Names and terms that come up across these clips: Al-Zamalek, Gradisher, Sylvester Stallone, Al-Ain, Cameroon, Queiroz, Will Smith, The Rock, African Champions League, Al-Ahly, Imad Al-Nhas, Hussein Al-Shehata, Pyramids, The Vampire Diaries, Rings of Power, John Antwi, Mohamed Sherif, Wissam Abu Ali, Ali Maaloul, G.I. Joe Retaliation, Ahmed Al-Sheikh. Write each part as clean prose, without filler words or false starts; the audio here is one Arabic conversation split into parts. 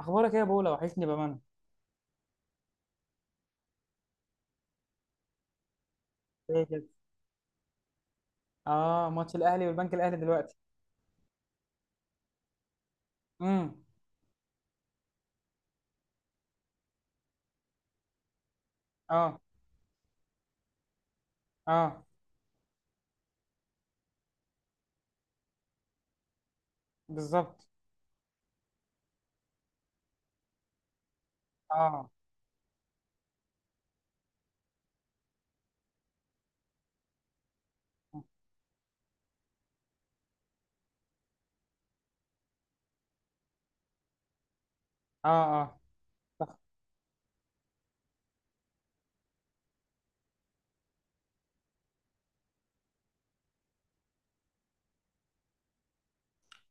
اخبارك ايه يا بولا، وحشني بامانه. ايه كده؟ اه، ماتش الاهلي والبنك الاهلي دلوقتي. امم. اه. اه. بالظبط. اه. اه. اه. صح.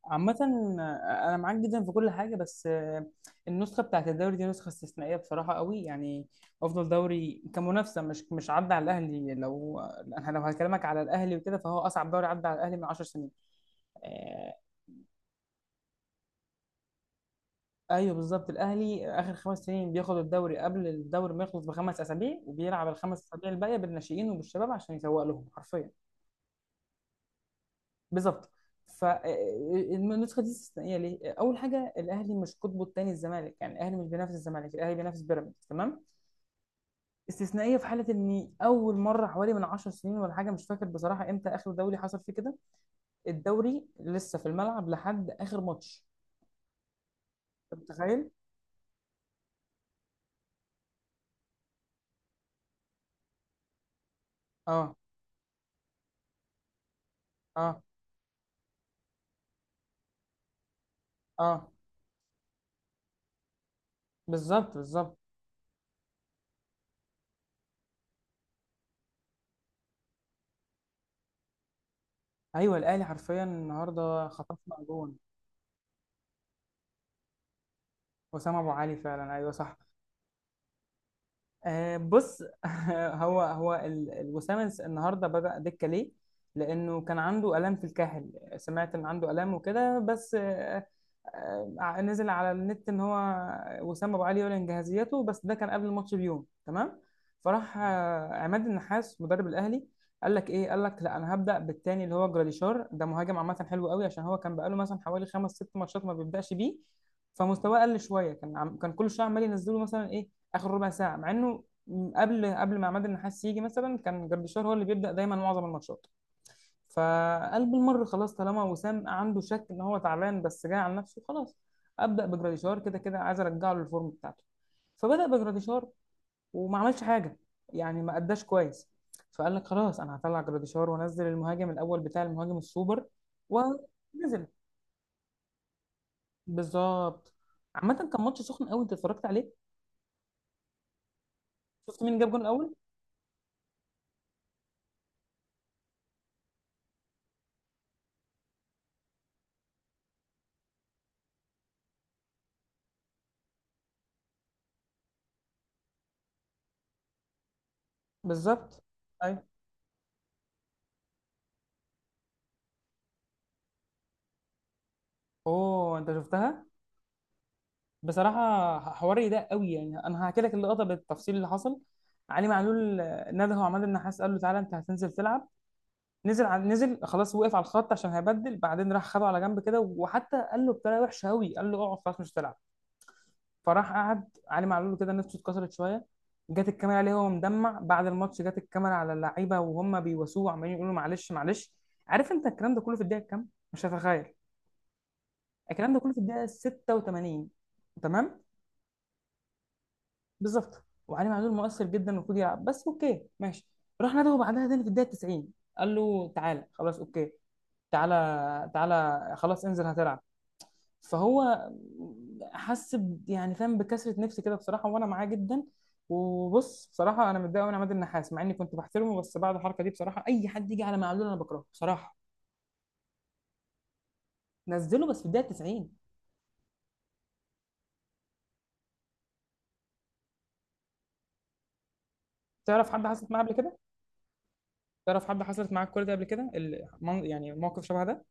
عامة، أنا معاك جدا في كل حاجة، بس النسخة بتاعت الدوري دي نسخة استثنائية بصراحة قوي، يعني أفضل دوري كمنافسة، مش عدى على الأهلي. لو أنا لو هكلمك على الأهلي وكده فهو أصعب دوري عدى على الأهلي من 10 سنين. آه، ايوه بالظبط، الاهلي اخر خمس سنين بياخد الدوري قبل الدوري ما يخلص بخمس اسابيع، وبيلعب الخمس اسابيع الباقيه بالناشئين وبالشباب عشان يسوق لهم حرفيا. بالظبط. فالنسخه دي استثنائيه ليه؟ اول حاجه، الاهلي مش قطبه الثاني الزمالك، يعني الاهلي مش بينافس الزمالك، الاهلي بينافس بيراميدز، تمام؟ استثنائيه في حاله ان اول مره حوالي من 10 سنين ولا حاجه، مش فاكر بصراحه امتى اخر دوري حصل فيه كده. الدوري لسه في الملعب لحد اخر ماتش. أنت متخيل؟ اه. اه. اه. بالظبط بالظبط. ايوه الاهلي حرفيا النهارده خطفنا جون. وسام ابو علي فعلا، ايوه صح. بص، هو هو الوسام النهارده بدأ دكة ليه؟ لأنه كان عنده آلام في الكاحل. سمعت إن عنده آلام وكده، بس نزل على النت إن هو وسام أبو علي يعلن جاهزيته، بس ده كان قبل الماتش بيوم، تمام؟ فراح عماد النحاس مدرب الأهلي قال لك إيه؟ قال لك لا أنا هبدأ بالتاني اللي هو جراديشار، ده مهاجم عامة حلو قوي، عشان هو كان بقاله مثلا حوالي خمس ست ماتشات ما بيبدأش بيه. فمستواه قل شوية، كان كل شوية عمال ينزله مثلا إيه، اخر ربع ساعه، مع انه قبل ما عماد النحاس يجي مثلا كان جردشار هو اللي بيبدا دايما معظم الماتشات. فقال بالمره خلاص، طالما وسام عنده شك ان هو تعبان بس جاي على نفسه، خلاص ابدا بجراديشار، كده كده عايز ارجعه للفورم بتاعته. فبدا بجراديشار وما عملش حاجه، يعني ما اداش كويس. فقال لك خلاص انا هطلع جراديشار وانزل المهاجم الاول بتاع، المهاجم السوبر. ونزل بالظبط. عامه كان ماتش سخن قوي، انت اتفرجت عليه؟ شفت مين جاب جون الاول؟ بالظبط. اوه، انت شفتها؟ بصراحه حواري ده قوي، يعني انا هحكي لك اللقطه بالتفصيل اللي حصل. علي معلول نده عماد النحاس قال له تعالى انت هتنزل تلعب. نزل نزل خلاص، وقف على الخط عشان هيبدل، بعدين راح خده على جنب كده، وحتى قال له بطريقه وحشه قوي، قال له اقعد خلاص مش هتلعب. فراح قعد علي معلول كده، نفسه اتكسرت شويه. جت الكاميرا عليه وهو مدمع بعد الماتش، جت الكاميرا على اللعيبه وهم بيواسوه وعمالين يقولوا معلش معلش. عارف انت الكلام ده كله في الدقيقه كام؟ مش هتخيل. الكلام ده كله في الدقيقه 86. تمام. بالظبط، وعلي معلول مؤثر جدا، المفروض يلعب، بس اوكي ماشي. راح نادوه بعدها تاني في الدقيقه 90، قال له تعالى خلاص اوكي، تعالى تعالى خلاص انزل هتلعب. فهو حس يعني فاهم بكسره نفس كده بصراحه، وانا معاه جدا. وبص بصراحه انا متضايق قوي من عماد النحاس، مع اني كنت بحترمه، بس بعد الحركه دي بصراحه اي حد يجي على معلول انا بكرهه بصراحه. نزله بس في الدقيقه 90. تعرف حد حصلت معاه قبل كده؟ تعرف حد حصلت معاه الكوره دي قبل كده، يعني موقف شبه ده؟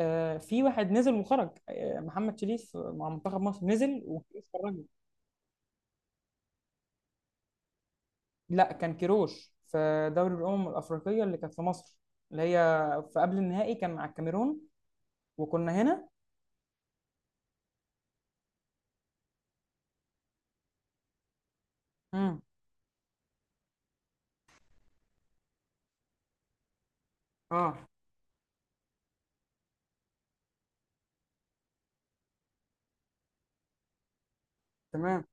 في واحد نزل وخرج، محمد شريف مع منتخب مصر نزل وكيروش خرجه. لا، كان كيروش في دوري الامم الافريقيه اللي كانت في مصر، اللي هي في قبل النهائي كان مع الكاميرون، وكنا هنا. امم. اه. تمام.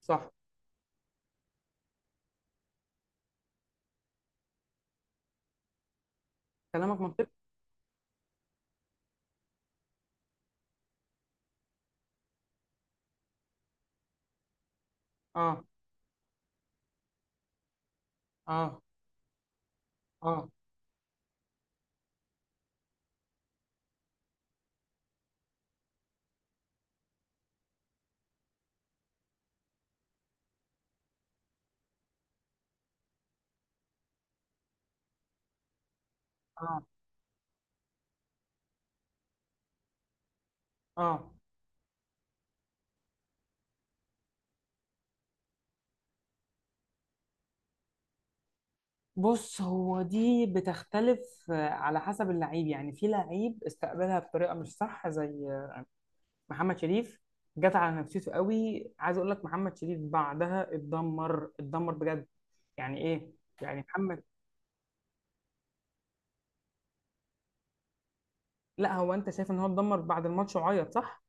صح. كلامك منطقي. اه. اه. اه. اه. اه. بص هو دي بتختلف على حسب اللعيب، يعني في لعيب استقبلها بطريقه مش صح، زي محمد شريف، جت على نفسيته قوي. عايز اقول لك، محمد شريف بعدها اتدمر، اتدمر بجد. يعني ايه، يعني محمد، لا هو انت شايف ان هو اتدمر بعد الماتش وعيط صح؟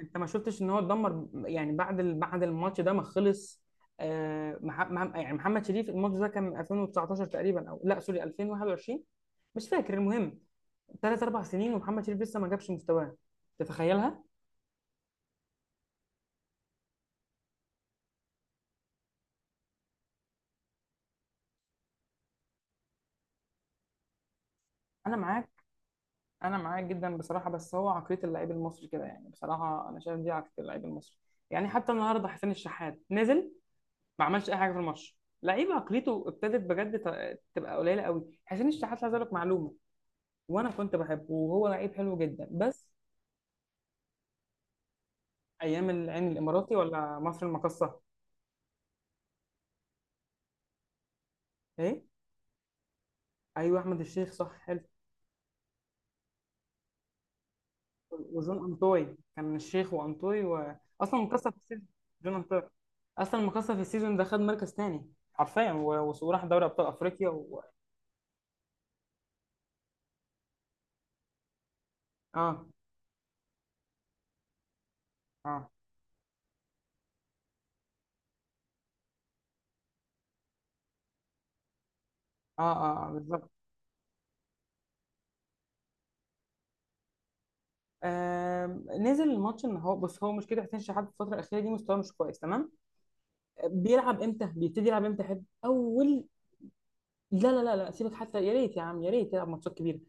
انت ما شفتش ان هو اتدمر يعني بعد بعد الماتش ده ما خلص؟ يعني محمد شريف الماتش ده كان من 2019 تقريبا، او لا سوري 2021، مش فاكر، المهم ثلاث اربع سنين ومحمد شريف لسه ما جابش مستواه. تتخيلها؟ انا معاك، انا معاك جدا بصراحه، بس هو عقليه اللعيب المصري كده، يعني بصراحه انا شايف دي عقليه اللعيب المصري. يعني حتى النهارده حسين الشحات نزل ما عملش اي حاجه في الماتش. لعيب عقليته ابتدت بجد تبقى قليله قوي. حسين الشحات عايز اقول لك معلومه. وانا كنت بحبه وهو لعيب حلو جدا بس، ايام العين الاماراتي ولا مصر المقاصه؟ ايه؟ ايوه احمد الشيخ، صح، حلو. وجون انطوي، كان الشيخ وانطوي اصلا مكسر في السيزون. جون انطوي اصلا مكسر في السيزون ده، خد مركز تاني حرفيا، وراح دوري ابطال افريقيا. اه. اه. اه. اه، آه بالظبط. آم، نزل الماتش ان هو، بص هو مشكله حسين شحات في الفتره الاخيره دي مستواه مش كويس، تمام؟ بيلعب امتى؟ بيبتدي يلعب امتى؟ حد اول. لا لا لا لا، سيبك، حتى يا ريت يا عم يا ريت يلعب ماتشات كبيره.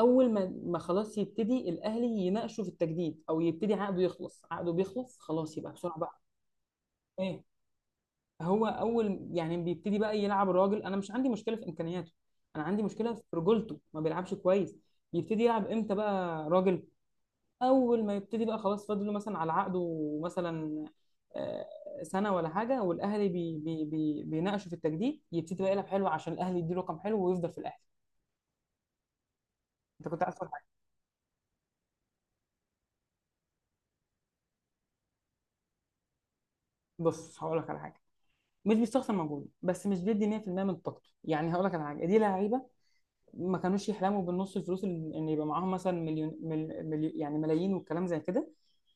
اول ما، ما خلاص يبتدي الاهلي يناقشه في التجديد او يبتدي عقده يخلص، عقده بيخلص خلاص يبقى بسرعه بقى. ايه؟ هو اول يعني بيبتدي بقى يلعب الراجل، انا مش عندي مشكله في امكانياته، انا عندي مشكله في رجولته ما بيلعبش كويس. يبتدي يلعب امتى بقى راجل؟ اول ما يبتدي بقى خلاص، فاضل له مثلا على عقده مثلا آه، سنه ولا حاجه، والاهلي بي بي بي بيناقشوا في التجديد، يبتدي بقى يلعب حلو عشان الاهلي يديله رقم حلو ويفضل في الاهلي. انت كنت عايز تقول حاجه؟ بص هقول لك على حاجه. مش بيستخسر مجهوده، بس مش بيدي 100% من طاقته، يعني هقول لك على حاجه، دي لعيبه ما كانوش يحلموا بالنص الفلوس ان يبقى معاهم مثلا مليون، مليون يعني ملايين والكلام زي كده.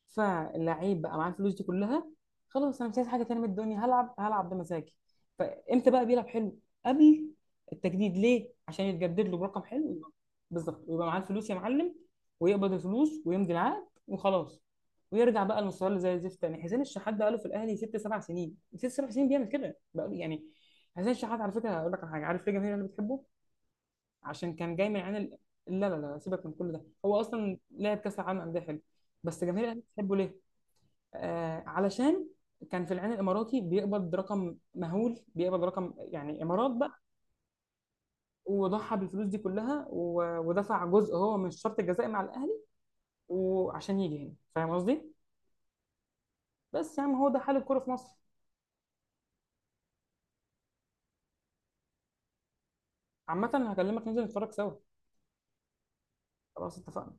فاللعيب بقى معاه الفلوس دي كلها، خلاص انا مش عايز حاجه تانية من الدنيا، هلعب هلعب بمزاجي. فامتى بقى بيلعب حلو؟ قبل التجديد، ليه؟ عشان يتجدد له برقم حلو، يبقى- بالظبط، ويبقى معاه الفلوس يا معلم، ويقبض الفلوس ويمضي العقد وخلاص، ويرجع بقى المستوى اللي زي الزفت تاني. حسين الشحات ده قاله في الاهلي ست سبع سنين، ست سبع سنين بيعمل كده بقى له. يعني حسين الشحات على فكره هقول لك على حاجه، عارف ليه الجماهير اللي بتحبه؟ عشان كان جاي من عين لا لا لا، سيبك من كل ده، هو اصلا لعب كاس العالم انديه حلو، بس جماهير الاهلي بتحبه ليه؟ آه علشان كان في العين الاماراتي بيقبض رقم مهول، بيقبض رقم يعني امارات بقى، وضحى بالفلوس دي كلها ودفع جزء هو من الشرط الجزائي مع الاهلي وعشان يجي هنا، فاهم قصدي؟ بس يا عم هو ده حال الكوره في مصر. عامة هكلمك ننزل نتفرج سوا. خلاص اتفقنا.